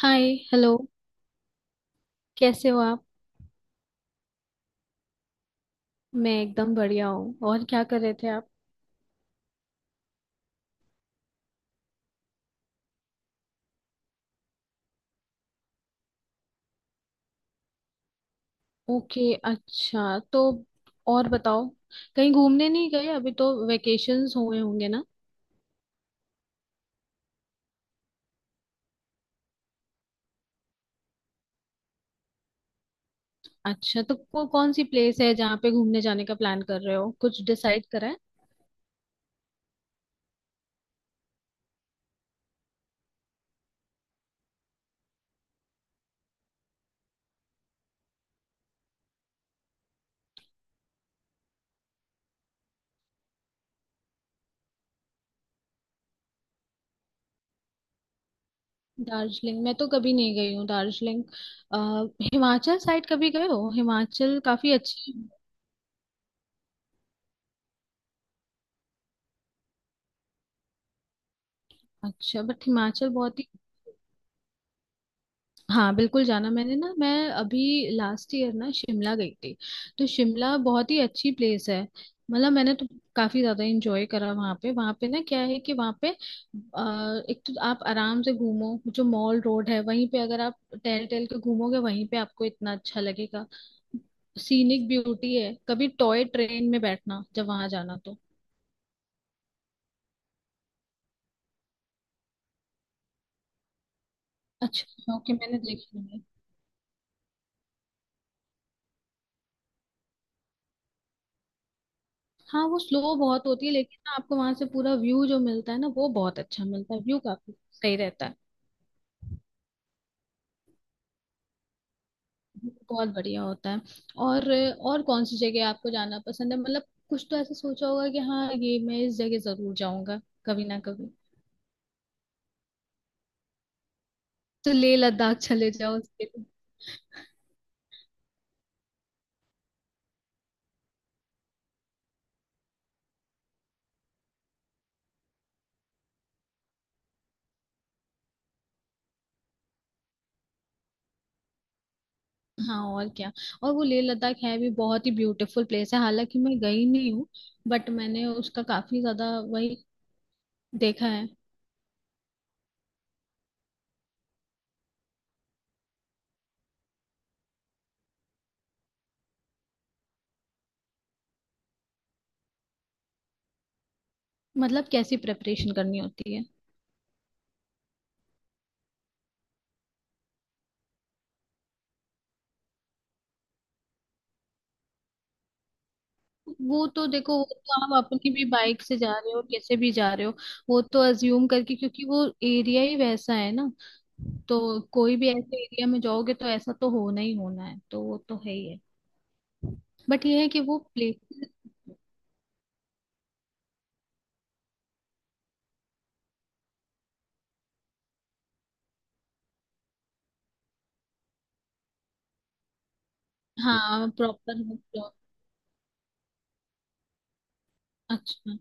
हाय। Hello. कैसे हो आप? मैं एकदम बढ़िया हूँ। और क्या कर रहे थे आप? ओके, अच्छा तो और बताओ, कहीं घूमने नहीं गए? अभी तो वेकेशंस हुए होंगे ना। अच्छा, कौन सी प्लेस है जहाँ पे घूमने जाने का प्लान कर रहे हो? कुछ डिसाइड करा है? दार्जिलिंग, मैं तो कभी नहीं गई हूँ दार्जिलिंग। अ, हिमाचल साइड कभी गए हो? हिमाचल काफी अच्छी। अच्छा, बट हिमाचल बहुत ही, हाँ बिल्कुल जाना। मैंने ना मैं अभी लास्ट ईयर ना शिमला गई थी। तो शिमला बहुत ही अच्छी प्लेस है। मतलब मैंने तो काफी ज्यादा एंजॉय करा वहाँ पे। ना क्या है कि वहाँ पे एक तो आप आराम से घूमो, जो मॉल रोड है वहीं पे अगर आप टहल टहल के घूमोगे वहीं पे आपको इतना अच्छा लगेगा। सीनिक ब्यूटी है। कभी टॉय ट्रेन में बैठना जब वहां जाना तो। अच्छा ओके, मैंने देखी नहीं है। हाँ वो स्लो बहुत होती है, लेकिन ना आपको वहां से पूरा व्यू जो मिलता है ना वो बहुत अच्छा मिलता है। व्यू काफी सही रहता है, बहुत बढ़िया होता है। और और कौन सी जगह आपको जाना पसंद है? मतलब कुछ तो ऐसा सोचा होगा कि हाँ ये मैं इस जगह जरूर जाऊंगा कभी ना कभी। तो लेह लद्दाख चले जाओ उसके लिए। हाँ और क्या, और वो लेह लद्दाख है भी बहुत ही ब्यूटीफुल प्लेस। है हालांकि मैं गई नहीं हूँ, बट मैंने उसका काफी ज्यादा वही देखा है। मतलब कैसी प्रेपरेशन करनी होती है? वो तो देखो, वो तो आप अपनी भी बाइक से जा रहे हो, कैसे भी जा रहे हो, वो तो अज्यूम करके, क्योंकि वो एरिया ही वैसा है ना। तो कोई भी ऐसे एरिया में जाओगे तो ऐसा तो होना ही होना है, तो वो तो है ही है। बट ये है कि वो प्लेस। हाँ प्रॉपर है तो-। अच्छा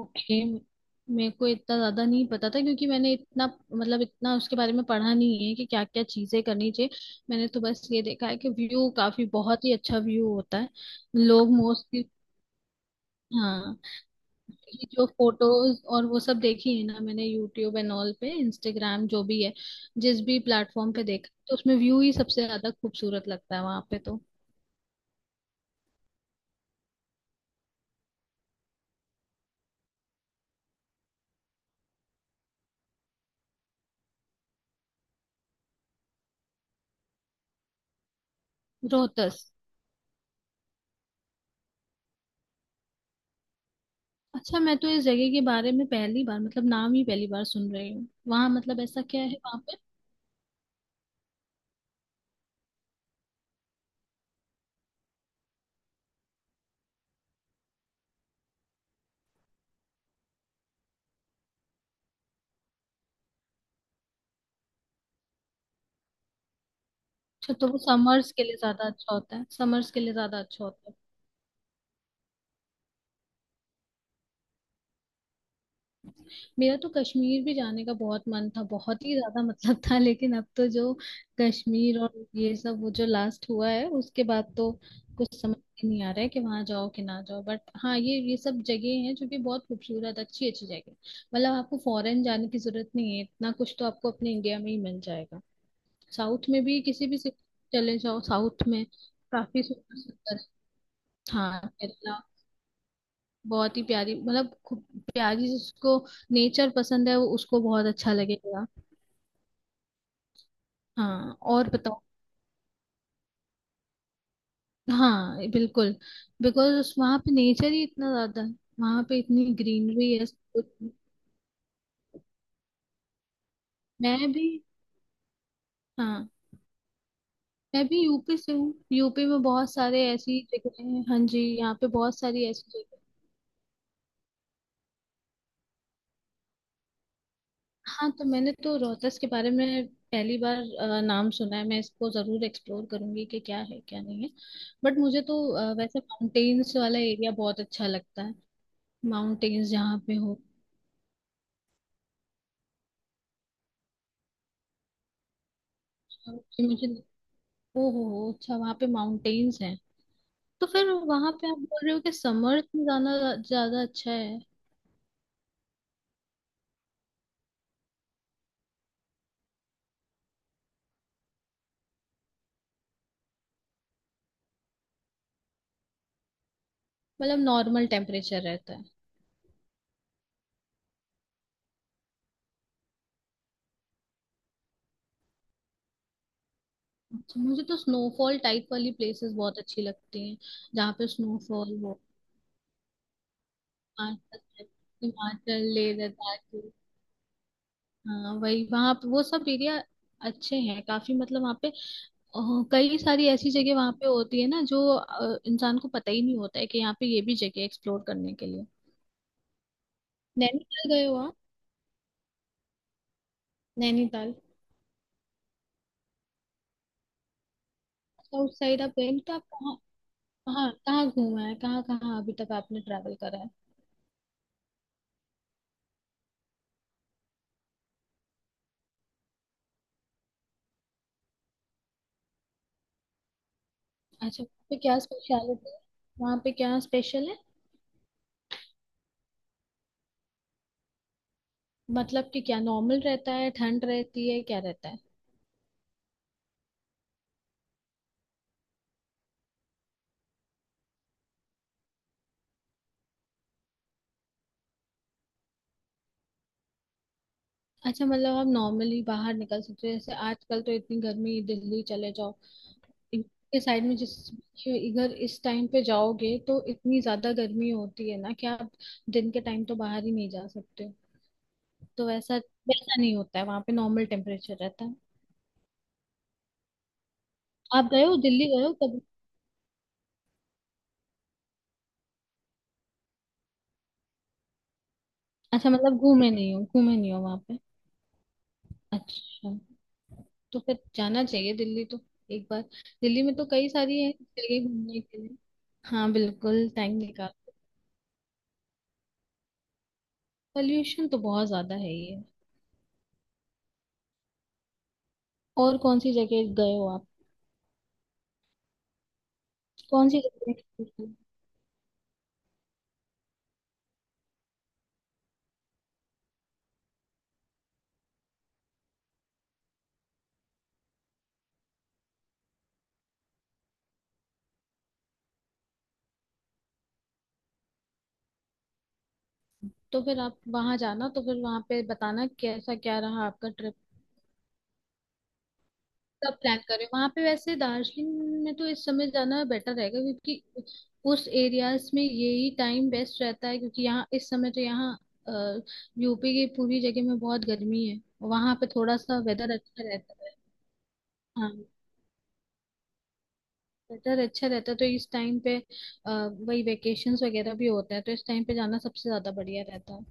ओके, मेरे को इतना ज्यादा नहीं पता था, क्योंकि मैंने इतना, मतलब इतना उसके बारे में पढ़ा नहीं है कि क्या क्या चीजें करनी चाहिए। मैंने तो बस ये देखा है कि व्यू काफी, बहुत ही अच्छा व्यू होता है। लोग मोस्टली, हाँ ये जो फोटोज और वो सब देखी है ना मैंने, यूट्यूब एंड ऑल पे, इंस्टाग्राम, जो भी है जिस भी प्लेटफॉर्म पे देखा, तो उसमें व्यू ही सबसे ज्यादा खूबसूरत लगता है वहां पे तो। रोहतस, अच्छा मैं तो इस जगह के बारे में पहली बार, मतलब नाम ही पहली बार सुन रही हूँ। वहां मतलब ऐसा क्या है वहां पे? अच्छा, तो वो समर्स के लिए ज्यादा अच्छा होता है, समर्स के लिए ज्यादा अच्छा होता है। मेरा तो कश्मीर भी जाने का बहुत मन था, बहुत ही ज्यादा मतलब था, लेकिन अब तो जो कश्मीर और ये सब, वो जो लास्ट हुआ है उसके बाद तो कुछ समझ ही नहीं आ रहा है कि वहां जाओ कि ना जाओ। बट हाँ, ये सब जगह हैं जो कि बहुत खूबसूरत अच्छी अच्छी जगह है। मतलब आपको फॉरेन जाने की जरूरत नहीं है, इतना कुछ तो आपको अपने इंडिया में ही मिल जाएगा। साउथ में भी किसी भी सिटी चले जाओ साउथ में, काफी सुंदर सुंदर। हाँ केरला बहुत ही प्यारी, मतलब खूब प्यारी। जिसको नेचर पसंद है वो उसको बहुत अच्छा लगेगा। हाँ और बताओ। हाँ बिल्कुल, बिकॉज वहाँ पे नेचर ही इतना ज्यादा है, वहाँ पे इतनी ग्रीनरी है सब कुछ। मैं भी, हाँ मैं भी यूपी से हूँ। यूपी में बहुत सारे ऐसी जगह हैं, हाँ जी यहाँ पे बहुत सारी ऐसी जगह। हाँ तो मैंने तो रोहतास के बारे में पहली बार नाम सुना है। मैं इसको जरूर एक्सप्लोर करूंगी कि क्या है क्या नहीं है। बट मुझे तो वैसे माउंटेन्स वाला एरिया बहुत अच्छा लगता है, माउंटेन्स जहाँ पे हो। तो मुझे, ओ हो, अच्छा वहाँ पे माउंटेन्स हैं। तो फिर वहाँ पे आप बोल रहे हो कि समर्स में जाना ज्यादा अच्छा है? मतलब नॉर्मल टेम्परेचर रहता है। अच्छा मुझे तो स्नोफॉल टाइप वाली प्लेसेस बहुत अच्छी लगती हैं, जहाँ पे स्नोफॉल हो। आसपास, हिमाचल, लेह लद्दाख। हाँ वही, वहाँ पे वो सब एरिया अच्छे हैं काफी। मतलब वहाँ पे अ, कई सारी ऐसी जगह वहाँ पे होती है ना, जो इंसान को पता ही नहीं होता है कि यहाँ पे ये भी जगह एक्सप्लोर करने के लिए। नैनीताल गए हो आप? नैनीताल। साउथ साइड आप गए नहीं, तो आप कहाँ कहाँ कहाँ घूमा है, कहाँ कहाँ अभी तक आपने ट्रैवल करा है? अच्छा वहाँ पे क्या स्पेशलिटी है, वहाँ पे क्या स्पेशल है? मतलब कि क्या नॉर्मल रहता है? ठंड रहती है? क्या रहता है? अच्छा, मतलब आप नॉर्मली बाहर निकल सकते हो। जैसे आजकल तो इतनी गर्मी, दिल्ली चले जाओ के साइड में, जिस इधर इस टाइम पे जाओगे तो इतनी ज्यादा गर्मी होती है ना कि आप दिन के टाइम तो बाहर ही नहीं जा सकते हो। तो वैसा, वैसा नहीं होता है वहां पे, नॉर्मल टेम्परेचर रहता है। आप गए हो, दिल्ली गए हो कभी? अच्छा, मतलब घूमे नहीं हो, घूमे नहीं हो वहां पे। अच्छा, तो फिर जाना चाहिए दिल्ली तो, एक बार। दिल्ली में तो कई सारी है जगह घूमने के लिए। हाँ बिल्कुल टाइम निकाल। पॉल्यूशन तो बहुत ज्यादा है ये। और कौन सी जगह गए हो आप, कौन सी जगह explore की? तो फिर आप वहां जाना तो फिर वहां पे बताना कैसा क्या रहा आपका ट्रिप। कब प्लान करें वहां पे, वैसे दार्जिलिंग में तो इस समय जाना बेटर रहेगा क्योंकि उस एरियाज में यही टाइम बेस्ट रहता है। क्योंकि यहाँ इस समय तो यहाँ यूपी की पूरी जगह में बहुत गर्मी है, वहां पे थोड़ा सा वेदर अच्छा रहता है। हाँ बेटर अच्छा रहता है तो इस टाइम पे। अ, वही वेकेशंस वगैरह भी होता है तो इस टाइम पे जाना सबसे ज्यादा बढ़िया रहता है।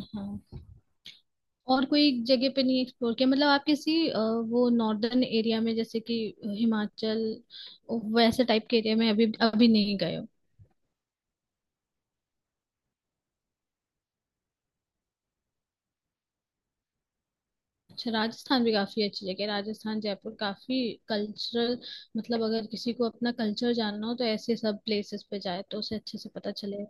हाँ और कोई जगह पे नहीं एक्सप्लोर किया? मतलब आप किसी वो नॉर्दर्न एरिया में, जैसे कि हिमाचल, वैसे टाइप के एरिया में अभी अभी नहीं गए हो? अच्छा राजस्थान भी काफी अच्छी जगह है। राजस्थान जयपुर काफी कल्चरल, मतलब अगर किसी को अपना कल्चर जानना हो तो ऐसे सब प्लेसेस पे जाए तो उसे अच्छे से पता चले।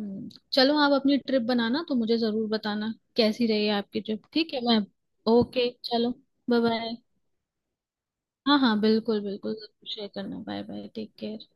चलो आप अपनी ट्रिप बनाना तो मुझे जरूर बताना कैसी रही आपकी ट्रिप, ठीक है? मैं ओके चलो, बाय बाय। हाँ हाँ बिल्कुल बिल्कुल, जरूर शेयर करना। Bye bye, take care.